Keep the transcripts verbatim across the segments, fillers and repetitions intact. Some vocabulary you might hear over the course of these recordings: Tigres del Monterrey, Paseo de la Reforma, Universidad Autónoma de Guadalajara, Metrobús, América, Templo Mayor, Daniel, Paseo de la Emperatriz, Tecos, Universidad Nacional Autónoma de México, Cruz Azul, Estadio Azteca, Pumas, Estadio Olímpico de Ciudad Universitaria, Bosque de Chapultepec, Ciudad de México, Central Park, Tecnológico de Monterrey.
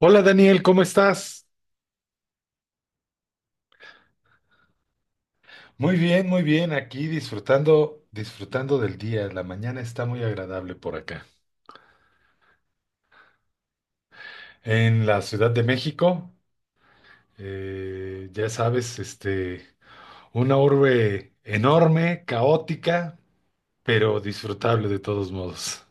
Hola Daniel, ¿cómo estás? Muy bien, muy bien. Aquí disfrutando, disfrutando del día. La mañana está muy agradable por acá. En la Ciudad de México, eh, ya sabes, este, una urbe enorme, caótica, pero disfrutable de todos modos.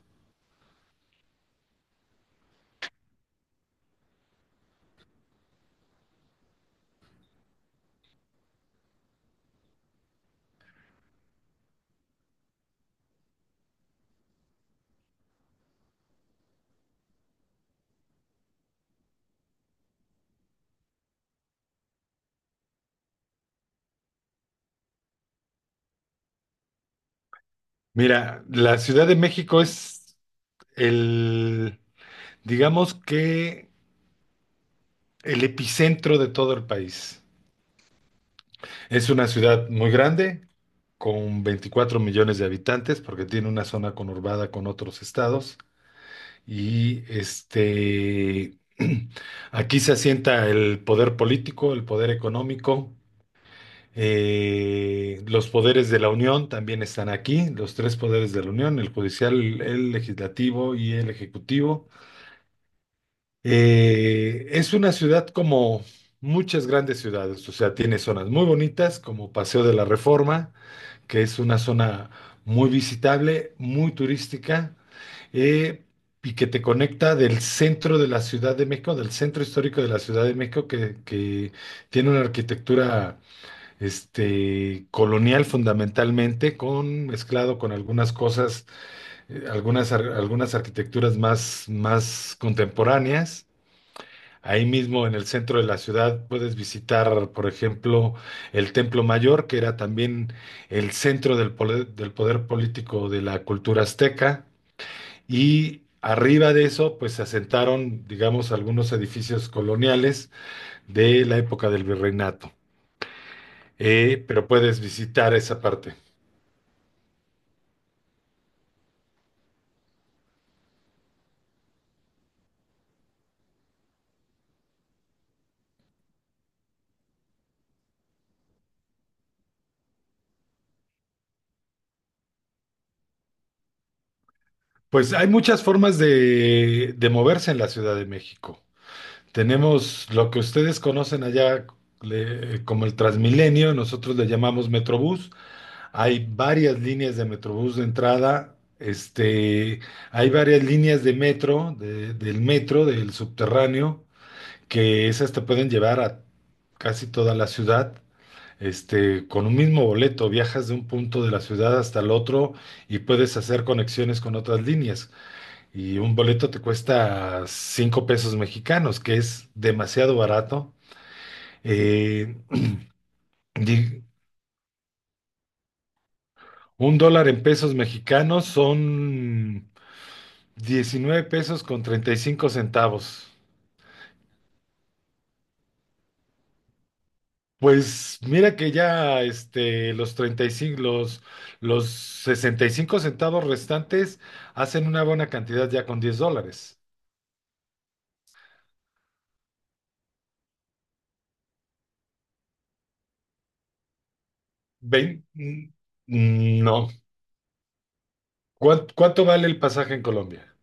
Mira, la Ciudad de México es el, digamos que el epicentro de todo el país. Es una ciudad muy grande, con veinticuatro millones de habitantes, porque tiene una zona conurbada con otros estados. Y este, aquí se asienta el poder político, el poder económico, eh, los poderes de la Unión también están aquí, los tres poderes de la Unión, el judicial, el legislativo y el ejecutivo. Eh, es una ciudad como muchas grandes ciudades, o sea, tiene zonas muy bonitas como Paseo de la Reforma que es una zona muy visitable, muy turística, eh, y que te conecta del centro de la Ciudad de México, del centro histórico de la Ciudad de México, que, que tiene una arquitectura este, colonial fundamentalmente, con, mezclado con algunas cosas, eh, algunas, ar- algunas arquitecturas más, más contemporáneas. Ahí mismo en el centro de la ciudad puedes visitar, por ejemplo, el Templo Mayor, que era también el centro del poder, del poder político de la cultura azteca. Y arriba de eso, pues se asentaron, digamos, algunos edificios coloniales de la época del virreinato. Eh, pero puedes visitar esa parte. Pues hay muchas formas de, de moverse en la Ciudad de México. Tenemos lo que ustedes conocen allá le- como el Transmilenio, nosotros le llamamos Metrobús. Hay varias líneas de Metrobús de entrada, este, hay varias líneas de metro, de- del metro, del subterráneo, que esas te pueden llevar a casi toda la ciudad. Este, con un mismo boleto viajas de un punto de la ciudad hasta el otro y puedes hacer conexiones con otras líneas. Y un boleto te cuesta cinco pesos mexicanos, que es demasiado barato. Eh, di- un dólar en pesos mexicanos son diecinueve pesos con treinta y cinco centavos. Pues mira que ya este, los treinta y cinco, los, los sesenta y cinco centavos restantes hacen una buena cantidad ya con diez dólares. Vein- mm, No. ¿Cuán- ¿Cuánto vale el pasaje en Colombia?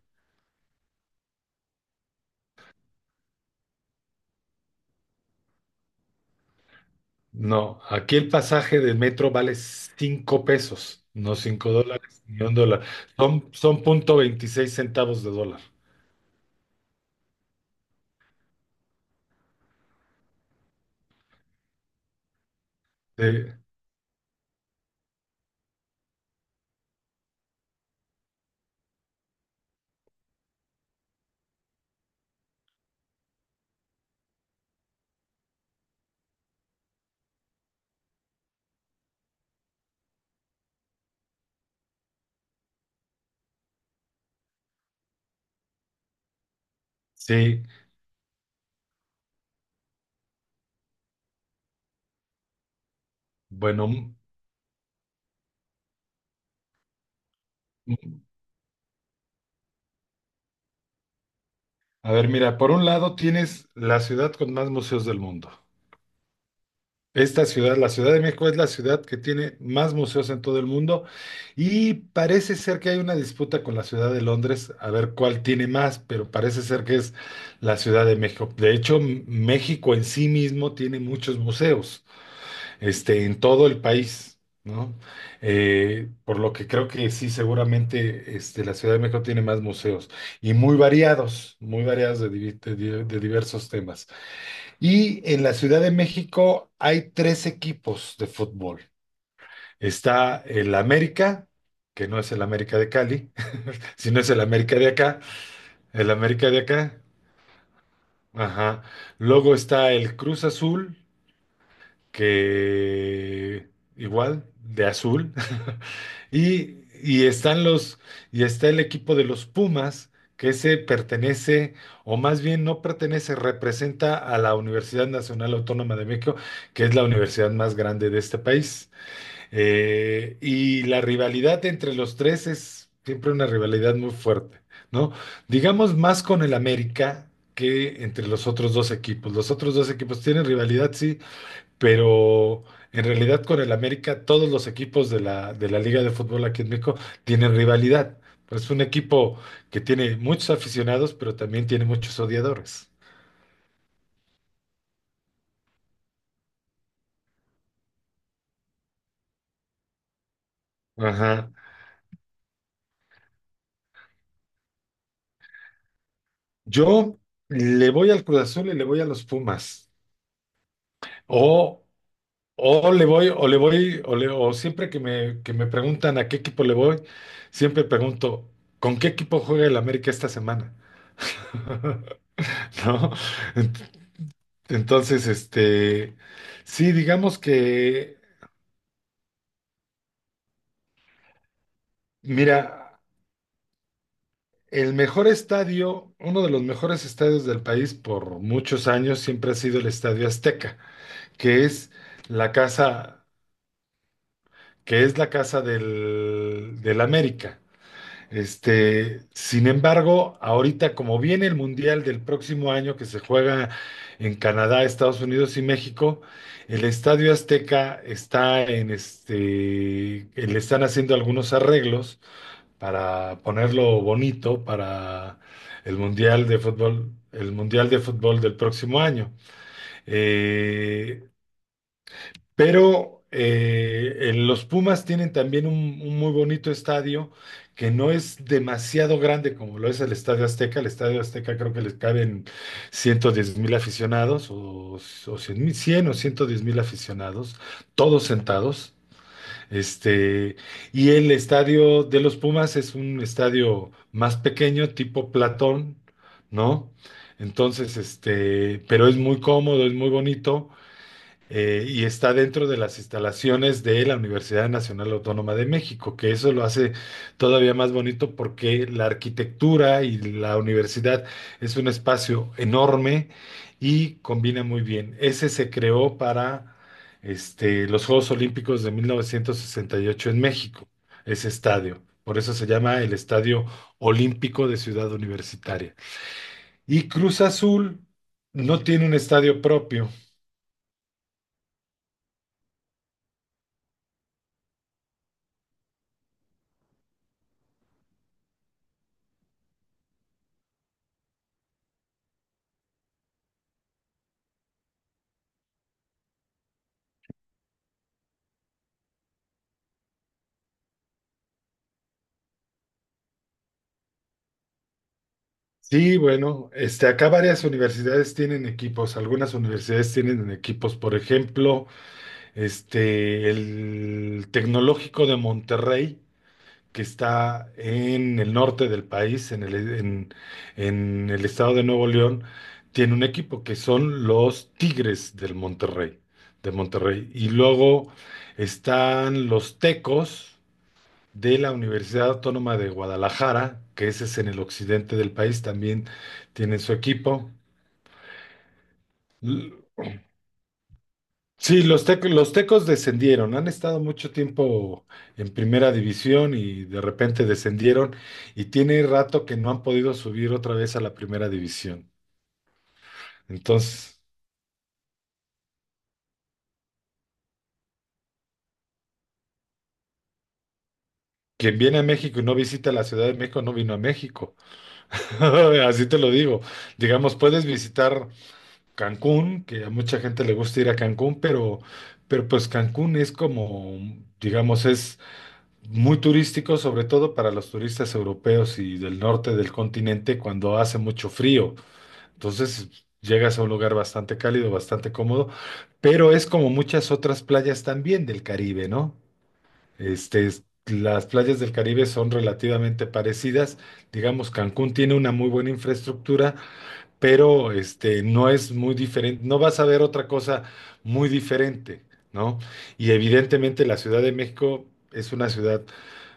No, aquí el pasaje de metro vale cinco pesos, no cinco dólares ni un dólar. Son, son punto veintiséis centavos de dólar. Sí, sí, bueno, mm, mm. a ver, mira, por un lado tienes la ciudad con más museos del mundo. Esta ciudad, la Ciudad de México, es la ciudad que tiene más museos en todo el mundo y parece ser que hay una disputa con la Ciudad de Londres a ver cuál tiene más, pero parece ser que es la Ciudad de México. De hecho, M- México en sí mismo tiene muchos museos, este, en todo el país, ¿no? Eh, por lo que creo que sí, seguramente, este, la Ciudad de México tiene más museos y muy variados, muy variados de, divi- de di- de diversos temas. Y en la Ciudad de México hay tres equipos de fútbol. Está el América, que no es el América de Cali, sino es el América de acá, el América de acá. Ajá. Luego está el Cruz Azul, que igual, de azul. Y, y están los, y Está el equipo de los Pumas, que ese pertenece, o más bien no pertenece, representa a la Universidad Nacional Autónoma de México, que es la universidad más grande de este país. Eh, y la rivalidad entre los tres es siempre una rivalidad muy fuerte, ¿no? Digamos más con el América que entre los otros dos equipos. Los otros dos equipos tienen rivalidad, sí, pero en realidad con el América todos los equipos de la, de la, Liga de Fútbol aquí en México tienen rivalidad. Pues es un equipo que tiene muchos aficionados, pero también tiene muchos odiadores. Ajá. Yo le voy al Cruz Azul y le voy a los Pumas. O, o le voy, o le voy, o, le- o siempre que me, que me preguntan a qué equipo le voy, siempre pregunto, ¿con qué equipo juega el América esta semana? ¿No? Entonces, este, sí, digamos que, mira, el mejor estadio, uno de los mejores estadios del país por muchos años siempre ha sido el Estadio Azteca, que es la casa, que es la casa del, del América. Este, sin embargo, ahorita como viene el Mundial del próximo año que se juega en Canadá, Estados Unidos y México, el Estadio Azteca está en este, eh, le están haciendo algunos arreglos para ponerlo bonito para el Mundial de fútbol, el Mundial de fútbol del próximo año. Eh, pero eh, eh, los Pumas tienen también un, un muy bonito estadio que no es demasiado grande como lo es el Estadio Azteca. El Estadio Azteca creo que les caben ciento diez mil aficionados o, o cien mil, cien o ciento diez mil aficionados, todos sentados. Este, y el estadio de los Pumas es un estadio más pequeño, tipo Platón, ¿no? Entonces, este, pero es muy cómodo, es muy bonito eh, y está dentro de las instalaciones de la Universidad Nacional Autónoma de México, que eso lo hace todavía más bonito porque la arquitectura y la universidad es un espacio enorme y combina muy bien. Ese se creó para este, los Juegos Olímpicos de mil novecientos sesenta y ocho en México, ese estadio. Por eso se llama el Estadio Olímpico de Ciudad Universitaria. Y Cruz Azul no tiene un estadio propio. Sí, bueno, este, acá varias universidades tienen equipos, algunas universidades tienen equipos, por ejemplo, este, el Tecnológico de Monterrey, que está en el norte del país, en el, en, en el estado de Nuevo León, tiene un equipo que son los Tigres del Monterrey, de Monterrey. Y luego están los Tecos de la Universidad Autónoma de Guadalajara, que ese es en el occidente del país, también tienen su equipo. L- Sí, los, tec- los tecos descendieron, han estado mucho tiempo en primera división y de repente descendieron y tiene rato que no han podido subir otra vez a la primera división. Entonces, quien viene a México y no visita la Ciudad de México, no vino a México. Así te lo digo. Digamos, puedes visitar Cancún, que a mucha gente le gusta ir a Cancún, pero, pero pues Cancún es como, digamos, es muy turístico, sobre todo para los turistas europeos y del norte del continente cuando hace mucho frío. Entonces llegas a un lugar bastante cálido, bastante cómodo, pero es como muchas otras playas también del Caribe, ¿no? Este, es- las playas del Caribe son relativamente parecidas. Digamos, Cancún tiene una muy buena infraestructura pero este, no es muy diferente, no vas a ver otra cosa muy diferente, ¿no? Y evidentemente la Ciudad de México es una ciudad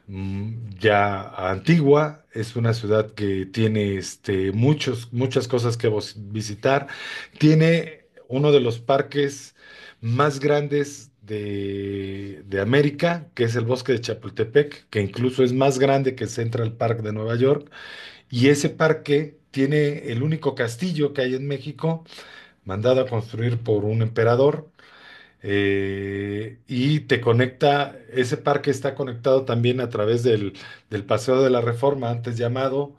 mm, ya antigua, es una ciudad que tiene este, muchos, muchas cosas que vos- visitar, tiene uno de los parques más grandes de, de América, que es el Bosque de Chapultepec, que incluso es más grande que Central Park de Nueva York. Y ese parque tiene el único castillo que hay en México, mandado a construir por un emperador, eh, y te conecta, ese parque está conectado también a través del, del Paseo de la Reforma, antes llamado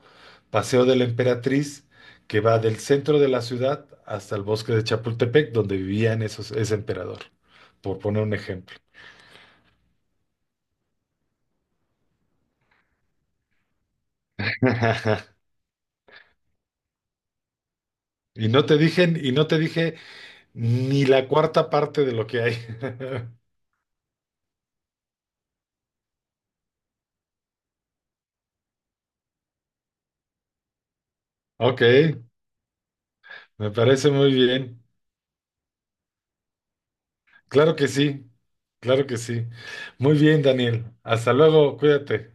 Paseo de la Emperatriz, que va del centro de la ciudad hasta el bosque de Chapultepec, donde vivían esos, ese emperador, por poner un ejemplo. Y no te dije, y no te dije ni la cuarta parte de lo que hay. Ok. Me parece muy bien. Claro que sí, claro que sí. Muy bien, Daniel. Hasta luego, cuídate.